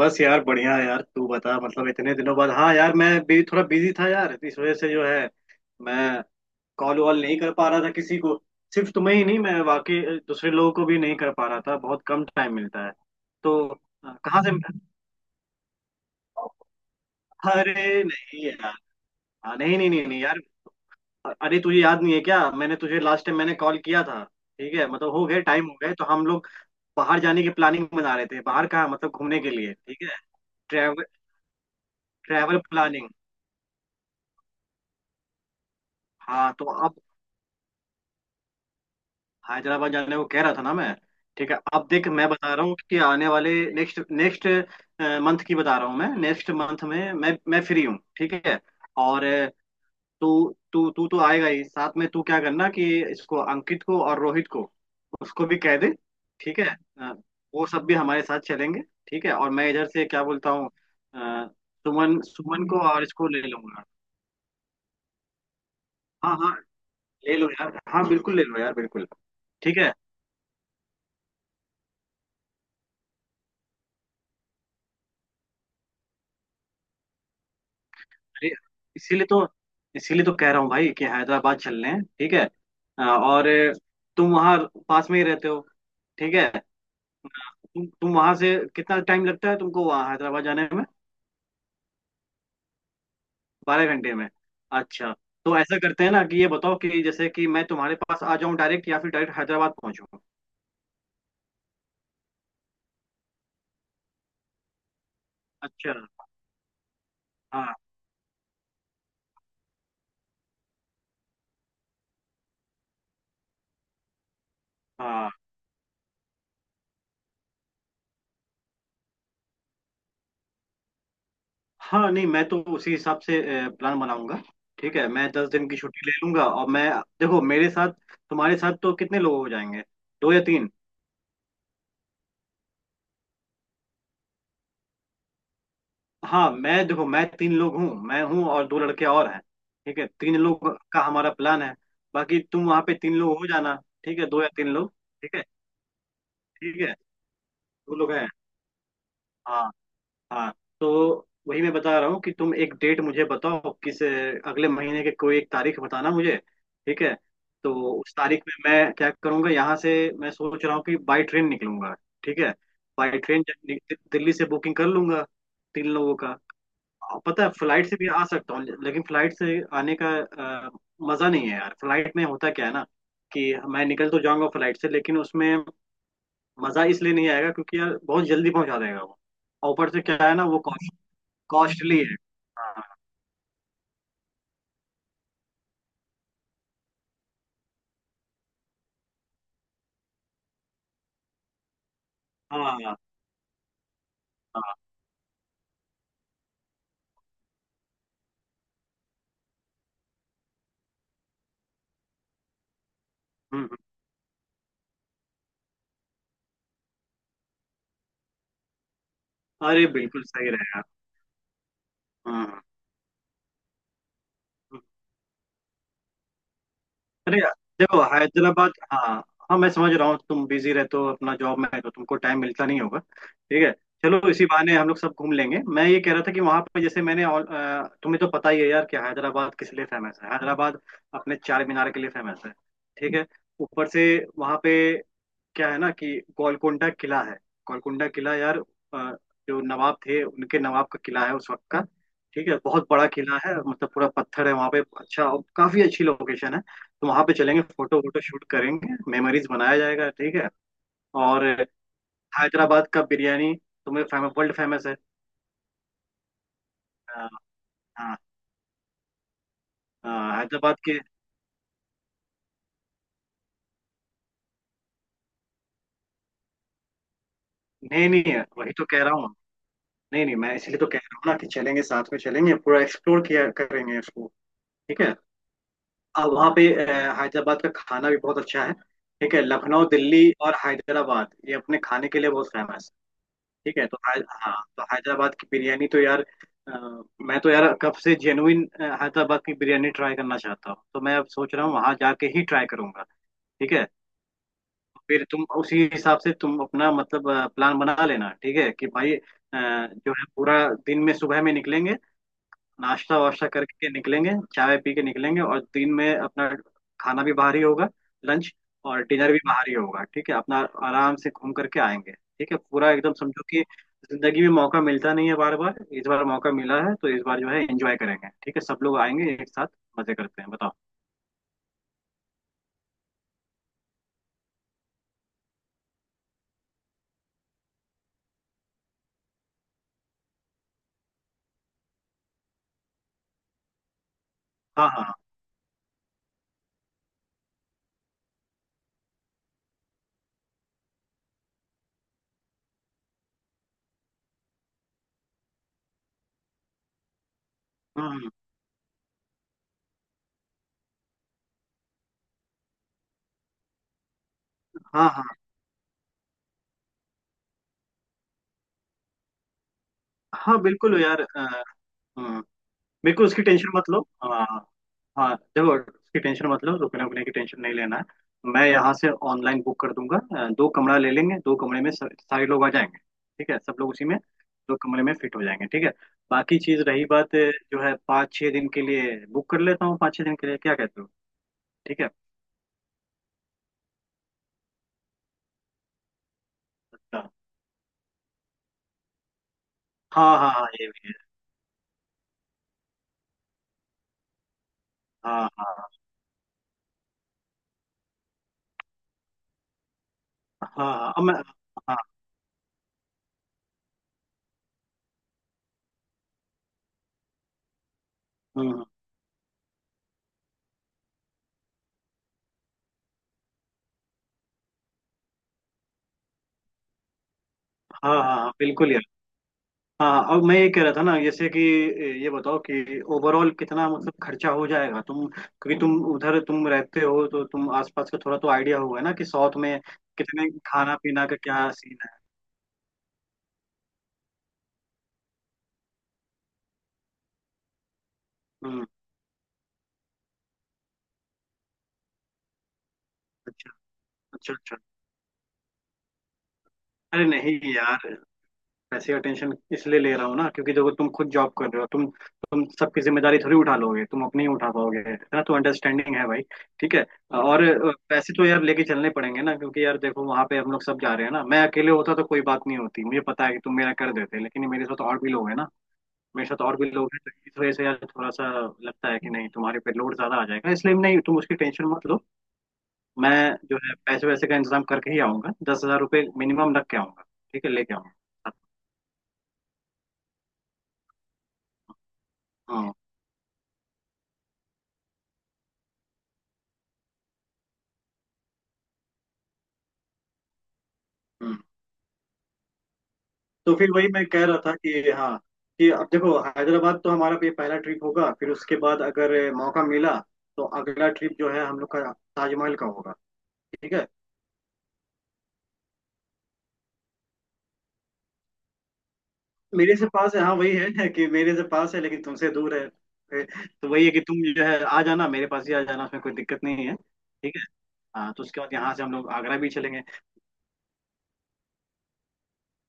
बस यार बढ़िया यार। तू बता मतलब इतने दिनों बाद। हाँ यार मैं भी थोड़ा बिजी था यार इस वजह से जो है मैं कॉल वॉल नहीं कर पा रहा था किसी को। सिर्फ तुम्हें ही नहीं मैं वाकई दूसरे लोगों को भी नहीं कर पा रहा था। बहुत कम टाइम मिलता है तो। कहाँ से? अरे नहीं यार। हाँ, नहीं नहीं नहीं नहीं यार। अरे तुझे याद नहीं है क्या? मैंने तुझे लास्ट टाइम मैंने कॉल किया था। ठीक है मतलब हो गए टाइम हो गए तो हम लोग बाहर जाने की प्लानिंग बना रहे थे। बाहर कहाँ? मतलब घूमने के लिए। ठीक है। ट्रैवल। Travel planning. हाँ तो अब हैदराबाद जाने को कह रहा था ना मैं। ठीक है अब देख मैं बता रहा हूँ कि आने वाले नेक्स्ट नेक्स्ट मंथ की बता रहा हूँ। मैं नेक्स्ट मंथ में मैं फ्री हूँ। ठीक है। और तू तू तू तो आएगा ही साथ में। तू क्या करना कि इसको अंकित को और रोहित को उसको भी कह दे। ठीक है। अ, वो सब भी हमारे साथ चलेंगे। ठीक है और मैं इधर से क्या बोलता हूँ अ, सुमन सुमन को और इसको ले लूंगा। हाँ हाँ ले लो यार। हाँ बिल्कुल ले लो यार बिल्कुल। ठीक है। अरे, इसीलिए तो। इसीलिए तो कह रहा हूँ भाई कि हैदराबाद चल लें। ठीक है। और तुम वहाँ पास में ही रहते हो। ठीक है। तुम वहाँ से कितना टाइम लगता है तुमको वहाँ हैदराबाद जाने में? 12 घंटे में? अच्छा। तो ऐसा करते हैं ना कि ये बताओ कि जैसे कि मैं तुम्हारे पास आ जाऊँ डायरेक्ट या फिर डायरेक्ट हैदराबाद पहुँचूँ? अच्छा। हाँ हाँ। हाँ नहीं मैं तो उसी हिसाब से प्लान बनाऊंगा। ठीक है मैं 10 दिन की छुट्टी ले लूंगा। और मैं देखो मेरे साथ तुम्हारे साथ तो कितने लोग हो जाएंगे? दो या तीन? हाँ मैं देखो मैं तीन लोग हूँ। मैं हूँ और दो लड़के और हैं। ठीक है तीन लोग का हमारा प्लान है। बाकी तुम वहाँ पे तीन लोग हो जाना। ठीक है दो या तीन लोग। ठीक है। ठीक है। दो लोग हैं। हाँ हाँ। तो वही मैं बता रहा हूँ कि तुम एक डेट मुझे बताओ किस अगले महीने के कोई एक तारीख बताना मुझे। ठीक है। तो उस तारीख में मैं क्या करूँगा यहाँ से मैं सोच रहा हूँ कि बाई ट्रेन निकलूंगा। ठीक है। बाई ट्रेन दिल्ली से बुकिंग कर लूंगा तीन लोगों का। हाँ, पता है फ्लाइट से भी आ सकता हूँ लेकिन फ्लाइट से आने का अ, मजा नहीं है यार। फ्लाइट में होता क्या है ना कि मैं निकल तो जाऊंगा फ्लाइट से लेकिन उसमें मजा इसलिए नहीं आएगा क्योंकि यार बहुत जल्दी पहुंचा देगा वो। और ऊपर से क्या है ना वो कॉस्टली है। हाँ हाँ। हाँ, हाँ, हम्म, हम्म। अरे बिल्कुल सही रहेगा। हम्म। हम्म। अरे देखो हैदराबाद। हाँ हाँ मैं समझ रहा हूँ तुम बिजी रहते हो अपना जॉब में है तो तुमको टाइम मिलता नहीं होगा। ठीक है। चलो इसी बहाने हम लोग सब घूम लेंगे। मैं ये कह रहा था कि वहां पे जैसे मैंने तुम्हें तो पता ही है यार कि हैदराबाद किस लिए फेमस है। हैदराबाद अपने चार मीनार के लिए फेमस है। ठीक है। ऊपर से वहां पे क्या है ना कि गोलकुंडा किला है। गोलकुंडा किला यार। अ, जो नवाब थे उनके नवाब का किला है उस वक्त का। ठीक है बहुत बड़ा किला है मतलब पूरा पत्थर है वहाँ पे। अच्छा। और काफी अच्छी लोकेशन है तो वहाँ पे चलेंगे फोटो वोटो शूट करेंगे मेमोरीज बनाया जाएगा। ठीक है। और हैदराबाद का बिरयानी तुम्हें फेमस वर्ल्ड फेमस है। हाँ हाँ। हाँ, हैदराबाद के। नहीं नहीं वही तो कह रहा हूँ। नहीं नहीं मैं इसलिए तो कह रहा हूँ ना कि चलेंगे साथ में चलेंगे पूरा एक्सप्लोर किया करेंगे इसको। ठीक है। और वहाँ पे हैदराबाद का खाना भी बहुत अच्छा है। ठीक है। लखनऊ दिल्ली और हैदराबाद ये अपने खाने के लिए बहुत फेमस है। ठीक है। तो हाँ तो हैदराबाद की बिरयानी तो यार अ, मैं तो यार कब से जेनुइन हैदराबाद की बिरयानी ट्राई करना चाहता हूँ। तो मैं अब सोच रहा हूँ वहाँ जाके ही ट्राई करूंगा। ठीक है। फिर तुम उसी हिसाब से तुम अपना मतलब प्लान बना लेना। ठीक है कि भाई जो है पूरा दिन में सुबह में निकलेंगे। नाश्ता वाश्ता करके निकलेंगे चाय पी के निकलेंगे और दिन में अपना खाना भी बाहर ही होगा लंच और डिनर भी बाहर ही होगा। ठीक है। अपना आराम से घूम करके आएंगे। ठीक है पूरा एकदम समझो कि जिंदगी में मौका मिलता नहीं है बार बार। इस बार मौका मिला है तो इस बार जो है एंजॉय करेंगे। ठीक है सब लोग आएंगे एक साथ मजे करते हैं बताओ। हाँ हाँ। हम्म। हाँ हाँ हाँ। हाँ, बिल्कुल यार। हम्म, बिल्कुल उसकी टेंशन मत लो। हाँ हाँ देखो उसकी टेंशन मत लो। रुकने उकने की टेंशन नहीं लेना है। मैं यहाँ से ऑनलाइन बुक कर दूंगा। दो कमरा ले लेंगे। दो कमरे में सारे लोग आ जाएंगे। ठीक है सब लोग उसी में दो कमरे में फिट हो जाएंगे। ठीक है। बाकी चीज रही बात जो है पाँच छः दिन के लिए बुक कर लेता हूँ। पाँच छः दिन के लिए क्या कहते हो? ठीक है। अच्छा। हाँ हाँ हाँ ये भी है। हाँ हाँ। हाँ हाँ हाँ अब मैं। हाँ। हम्म, हाँ हाँ हाँ बिल्कुल यार। हाँ अब मैं ये कह रहा था ना जैसे कि ये बताओ कि ओवरऑल कितना मतलब खर्चा हो जाएगा तुम क्योंकि तुम उधर तुम रहते हो तो तुम आसपास का थोड़ा तो आइडिया होगा ना कि साउथ में कितने खाना पीना का क्या सीन है। हम्म। अच्छा अच्छा। अच्छा अरे नहीं यार। पैसे का टेंशन इसलिए ले रहा हूँ ना क्योंकि देखो तुम खुद जॉब कर रहे हो तुम सबकी जिम्मेदारी थोड़ी उठा लोगे तुम अपनी ही उठा पाओगे है ना। तो अंडरस्टैंडिंग है भाई। ठीक है। और पैसे तो यार लेके चलने पड़ेंगे ना क्योंकि यार देखो वहां पे हम लोग सब जा रहे हैं ना। मैं अकेले होता तो कोई बात नहीं होती मुझे पता है कि तुम मेरा कर देते लेकिन मेरे साथ और भी लोग हैं ना। मेरे साथ और भी लोग हैं तो इस वजह से यार थोड़ा सा लगता है कि नहीं तुम्हारे पे लोड ज्यादा आ जाएगा। इसलिए नहीं तुम उसकी टेंशन मत लो। मैं जो है पैसे वैसे का इंतजाम करके ही आऊंगा 10,000 रुपये मिनिमम रख के आऊंगा। ठीक है लेके आऊंगा। हाँ। हम्म। तो फिर वही मैं कह रहा था कि हाँ कि अब देखो हैदराबाद तो हमारा ये पहला ट्रिप होगा फिर उसके बाद अगर मौका मिला तो अगला ट्रिप जो है हम लोग का ताजमहल का होगा। ठीक है। मेरे से पास है हाँ वही है कि मेरे से पास है लेकिन तुमसे दूर है। तो वही है कि तुम जो है आ जाना मेरे पास ही आ जाना। उसमें कोई दिक्कत नहीं है। ठीक है। हाँ तो उसके बाद यहाँ से हम लोग आगरा भी चलेंगे।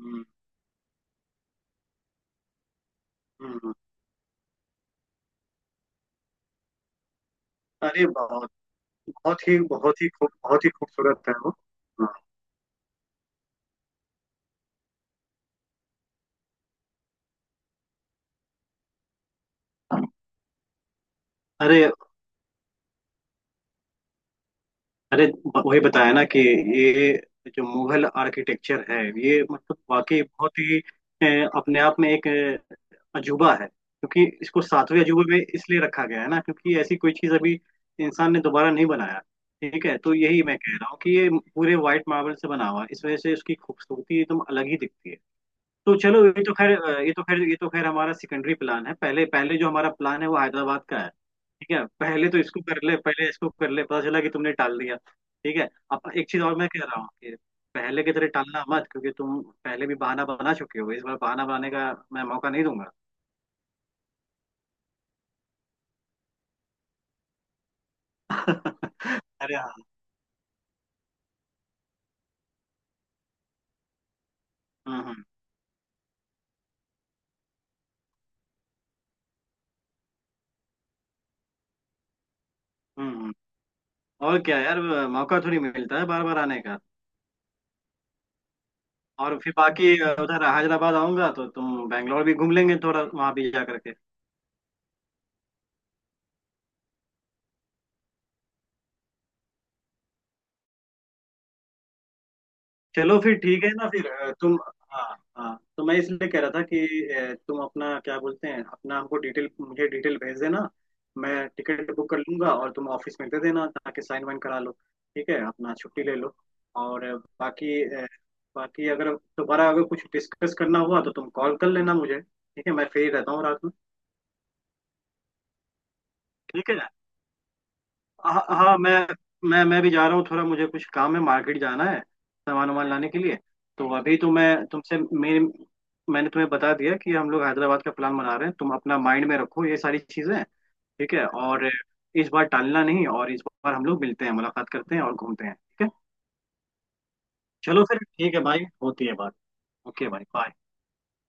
हम्म, हम्म। अरे बहुत बहुत ही खूब बहुत ही खूबसूरत है वो। हाँ। अरे अरे वही बताया ना कि ये जो मुगल आर्किटेक्चर है ये मतलब वाकई बहुत ही अपने आप में एक अजूबा है क्योंकि इसको सातवें अजूबे में इसलिए रखा गया है ना क्योंकि ऐसी कोई चीज़ अभी इंसान ने दोबारा नहीं बनाया। ठीक है। तो यही मैं कह रहा हूँ कि ये पूरे वाइट मार्बल से बना हुआ है इस वजह से उसकी खूबसूरती एकदम अलग ही दिखती है। तो चलो ये तो खैर ये तो खैर ये तो खैर हमारा सेकेंडरी प्लान है। पहले पहले जो हमारा प्लान है वो हैदराबाद का है। ठीक है पहले तो इसको कर ले। पहले इसको कर ले पता चला कि तुमने टाल दिया। ठीक है। अब एक चीज और मैं कह रहा हूँ कि पहले की तरह टालना मत क्योंकि तुम पहले भी बहाना बना चुके हो। इस बार बहाना बनाने का मैं मौका नहीं दूंगा। अरे हाँ। हम्म हम्म हम्म। और क्या यार मौका थोड़ी मिलता है बार बार आने का। और फिर बाकी उधर हैदराबाद आऊंगा तो तुम बैंगलोर भी घूम लेंगे थोड़ा वहां भी जा करके। चलो फिर ठीक है ना। फिर तुम। हाँ हाँ तो मैं इसलिए कह रहा था कि तुम अपना क्या बोलते हैं अपना हमको डिटेल मुझे डिटेल भेज देना। मैं टिकट बुक कर लूंगा और तुम ऑफिस में दे देना ताकि साइन वाइन करा लो। ठीक है अपना छुट्टी ले लो। और बाकी बाकी अगर दोबारा अगर कुछ डिस्कस करना हुआ तो तुम कॉल कर लेना मुझे। ठीक है मैं फ्री रहता हूँ रात में। ठीक है। हाँ हाँ मैं मैं भी जा रहा हूँ थोड़ा मुझे कुछ काम है मार्केट जाना है सामान वामान लाने के लिए। तो अभी तो मैं तुमसे मेरे मैंने तुम्हें बता दिया कि हम लोग हैदराबाद का प्लान बना रहे हैं तुम अपना माइंड में रखो ये सारी चीजें। ठीक है। और इस बार टालना नहीं। और इस बार हम लोग मिलते हैं मुलाकात करते हैं और घूमते हैं। ठीक है। चलो फिर ठीक है भाई। होती है बात। ओके भाई बाय।